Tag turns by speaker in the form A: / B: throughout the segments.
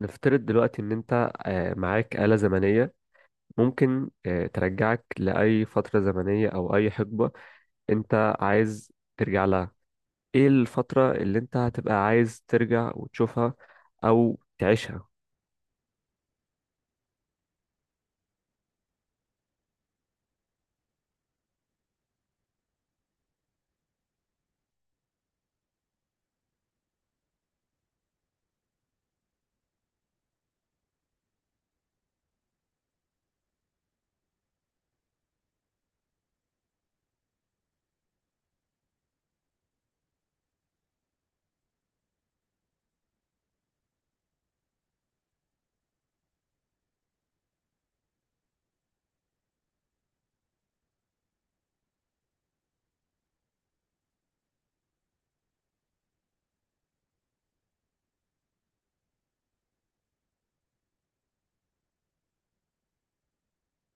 A: نفترض دلوقتي إن أنت معاك آلة زمنية. ممكن ترجعك لأي فترة زمنية أو أي حقبة أنت عايز ترجع لها. إيه الفترة اللي أنت هتبقى عايز ترجع وتشوفها أو تعيشها؟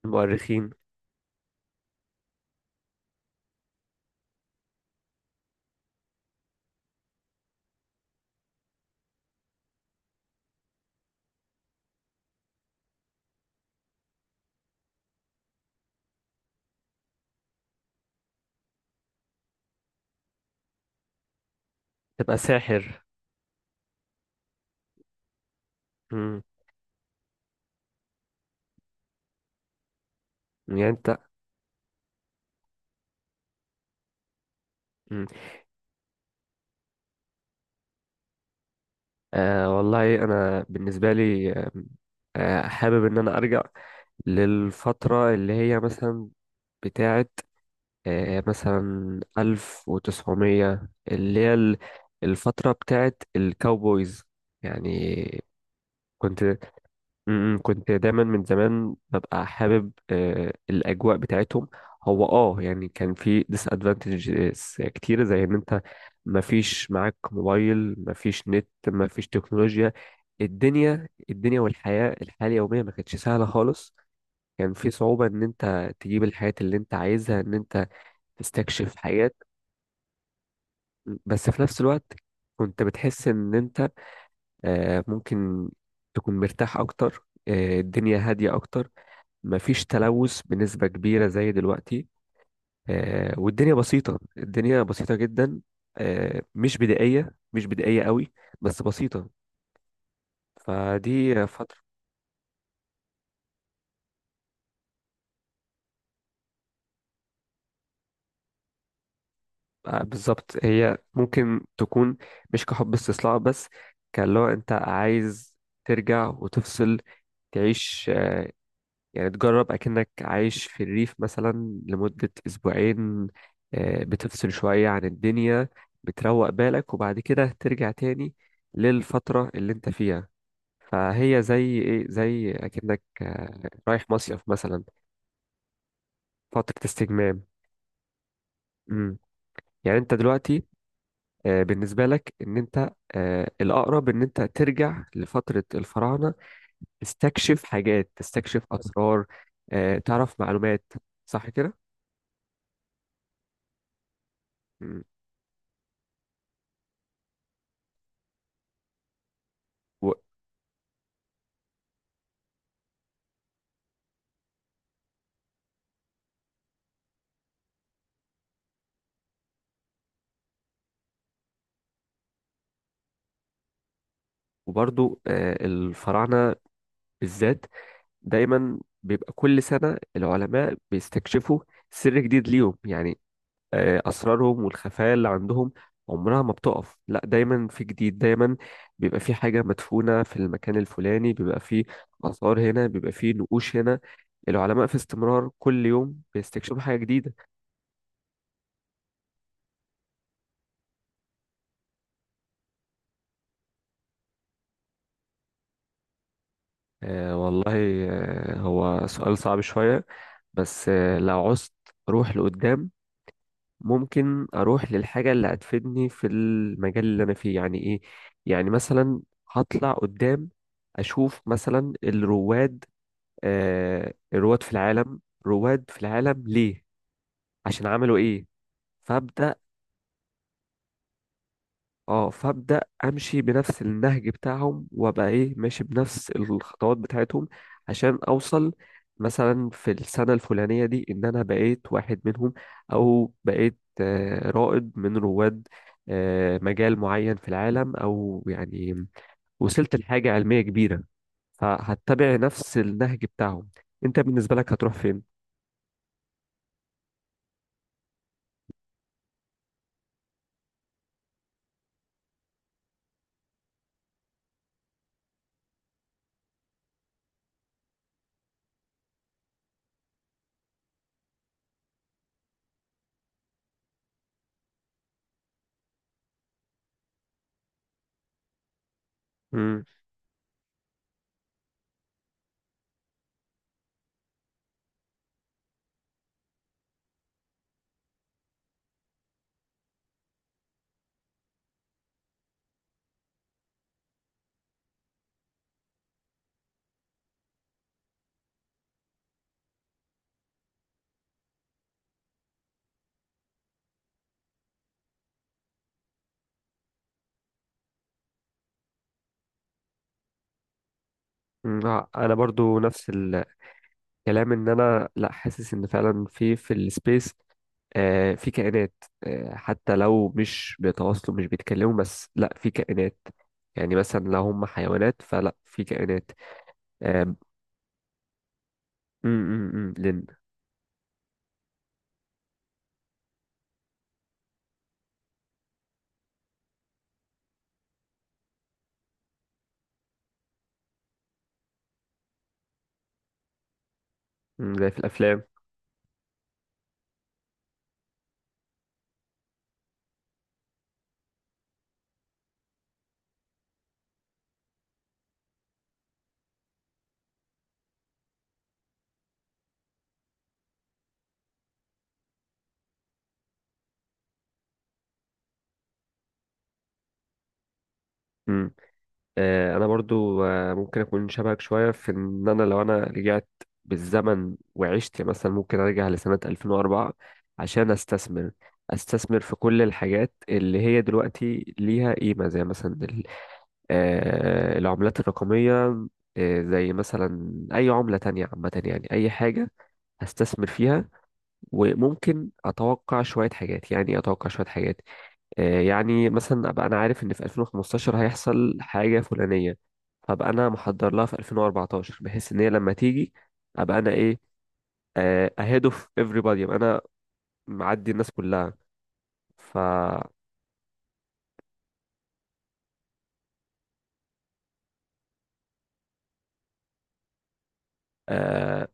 A: المؤرخين. تبقى ساحر. مم. يعني أنت. مم. آه والله أنا بالنسبة لي حابب إن أنا أرجع للفترة اللي هي مثلا بتاعة مثلا ألف وتسعمية اللي هي الفترة بتاعت الكاوبويز يعني. كنت م- م، كنت دايما من زمان ببقى حابب الأجواء بتاعتهم. هو يعني كان في ديس ادفانتجز كتير، زي ان انت مفيش معاك موبايل، مفيش نت، مفيش تكنولوجيا. الدنيا والحياة اليومية ما كانتش سهلة خالص. كان في صعوبة ان انت تجيب الحياة اللي انت عايزها، ان انت تستكشف. بس في نفس الوقت كنت بتحس ان انت ممكن تكون مرتاح اكتر، الدنيا هادية اكتر، مفيش تلوث بنسبة كبيرة زي دلوقتي. والدنيا بسيطة، الدنيا بسيطة جدا، مش بدائية، مش بدائية قوي، بس بسيطة. فدي فترة. بالظبط، هي ممكن تكون مش كحب استصلاح بس. كان لو انت عايز ترجع وتفصل تعيش، يعني تجرب أكنك عايش في الريف مثلا لمدة أسبوعين. بتفصل شوية عن الدنيا، بتروق بالك وبعد كده ترجع تاني للفترة اللي انت فيها. فهي زي ايه، زي أكنك رايح مصيف مثلا. فترة استجمام. مم. يعني انت دلوقتي بالنسبة لك، ان انت الأقرب ان انت ترجع لفترة الفراعنة، تستكشف حاجات، تستكشف أسرار، تعرف معلومات، صح كده؟ مم. وبرضو الفراعنة بالذات دايما بيبقى كل سنة العلماء بيستكشفوا سر جديد ليهم يعني. أسرارهم والخفايا اللي عندهم عمرها ما بتقف، لا دايما في جديد، دايما بيبقى في حاجة مدفونة في المكان الفلاني، بيبقى في آثار هنا، بيبقى في نقوش هنا. العلماء في استمرار كل يوم بيستكشفوا حاجة جديدة. آه والله، هو سؤال صعب شوية. بس لو عوزت روح لقدام، ممكن اروح للحاجه اللي هتفيدني في المجال اللي انا فيه، يعني ايه؟ يعني مثلا هطلع قدام، اشوف مثلا الرواد، الرواد في العالم، رواد في العالم ليه، عشان عملوا ايه. فابدا اه فابدا امشي بنفس النهج بتاعهم، وابقى ايه، ماشي بنفس الخطوات بتاعتهم عشان اوصل مثلا في السنه الفلانيه دي ان انا بقيت واحد منهم، او بقيت رائد من رواد مجال معين في العالم، او يعني وصلت لحاجه علميه كبيره. فهتبع نفس النهج بتاعهم. انت بالنسبه لك هتروح فين؟ مم. مم. انا برضو نفس الكلام، ان انا لا حاسس ان فعلا في السبيس في كائنات، حتى لو مش بيتواصلوا مش بيتكلموا، بس لا في كائنات. يعني مثلا لو هم حيوانات فلا في كائنات. آم، أم، أم، أم، لن. زي في الافلام. أم. آه، انا برضو ممكن اكون شبهك شويه في ان انا لو انا رجعت بالزمن وعشت، يعني مثلا ممكن ارجع لسنه 2004 عشان استثمر في كل الحاجات اللي هي دلوقتي ليها قيمه، زي مثلا العملات الرقمية، زي مثلا أي عملة تانية عامة، يعني أي حاجة هستثمر فيها. وممكن أتوقع شوية حاجات، يعني إيه أتوقع شوية حاجات؟ يعني مثلا أبقى أنا عارف إن في 2015 هيحصل حاجة فلانية، فأبقى أنا محضر لها في 2014، بحيث إن هي لما تيجي أبقى أنا إيه، أهيد أوف everybody، أبقى أنا معدي الناس كلها. ف آه،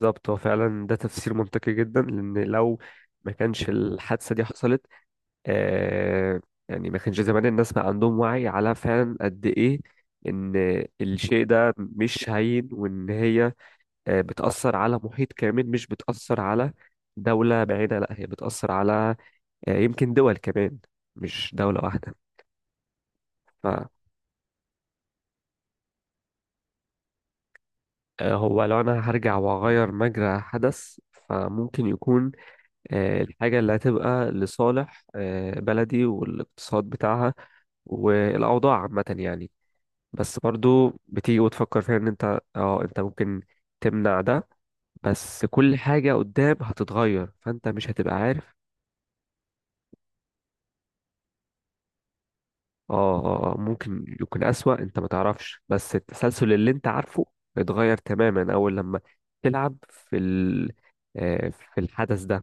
A: بالظبط، هو فعلا ده تفسير منطقي جدا، لأن لو ما كانش الحادثة دي حصلت، آه يعني ما كانش زمان الناس ما عندهم وعي على فعلا قد ايه ان الشيء ده مش هين، وان هي بتأثر على محيط كامل، مش بتأثر على دولة بعيدة، لا هي بتأثر على يمكن دول كمان، مش دولة واحدة. فهو لو انا هرجع واغير مجرى حدث، فممكن يكون الحاجة اللي هتبقى لصالح بلدي والاقتصاد بتاعها والأوضاع عامة يعني. بس برضو بتيجي وتفكر فيها ان انت ممكن تمنع ده. بس كل حاجة قدام هتتغير فانت مش هتبقى عارف. ممكن يكون اسوأ، انت ما تعرفش، بس التسلسل اللي انت عارفه اتغير تماما اول لما تلعب في ال آه، في الحدث ده.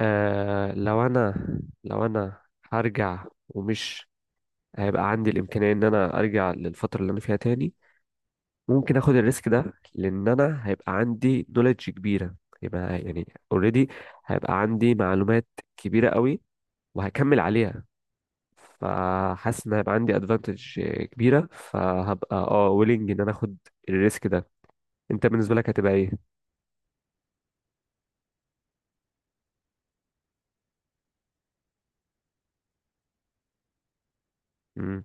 A: آه لو انا هرجع، ومش هيبقى عندي الامكانية ان انا ارجع للفترة اللي انا فيها تاني، ممكن اخد الريسك ده لان انا هيبقى عندي نوليدج كبيره. يبقى يعني اوريدي هيبقى عندي معلومات كبيره قوي وهكمل عليها. فحاسس ان هيبقى عندي ادفانتج كبيره، فهبقى ويلنج ان انا اخد الريسك ده. انت بالنسبه لك هتبقى ايه؟ امم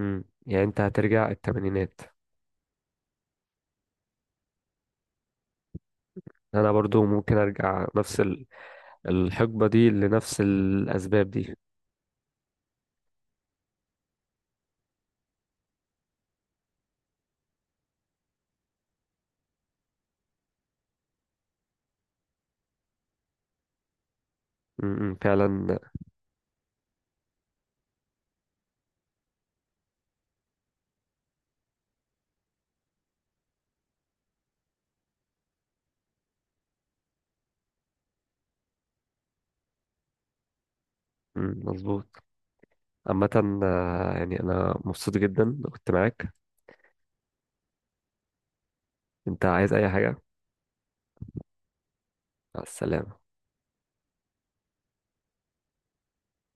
A: يعني انت هترجع الثمانينات. انا برضو ممكن ارجع نفس الحقبه دي لنفس الاسباب دي. فعلا. مظبوط. عامة يعني أنا مبسوط جدا إن كنت معاك. انت عايز اي حاجة؟ مع السلامة.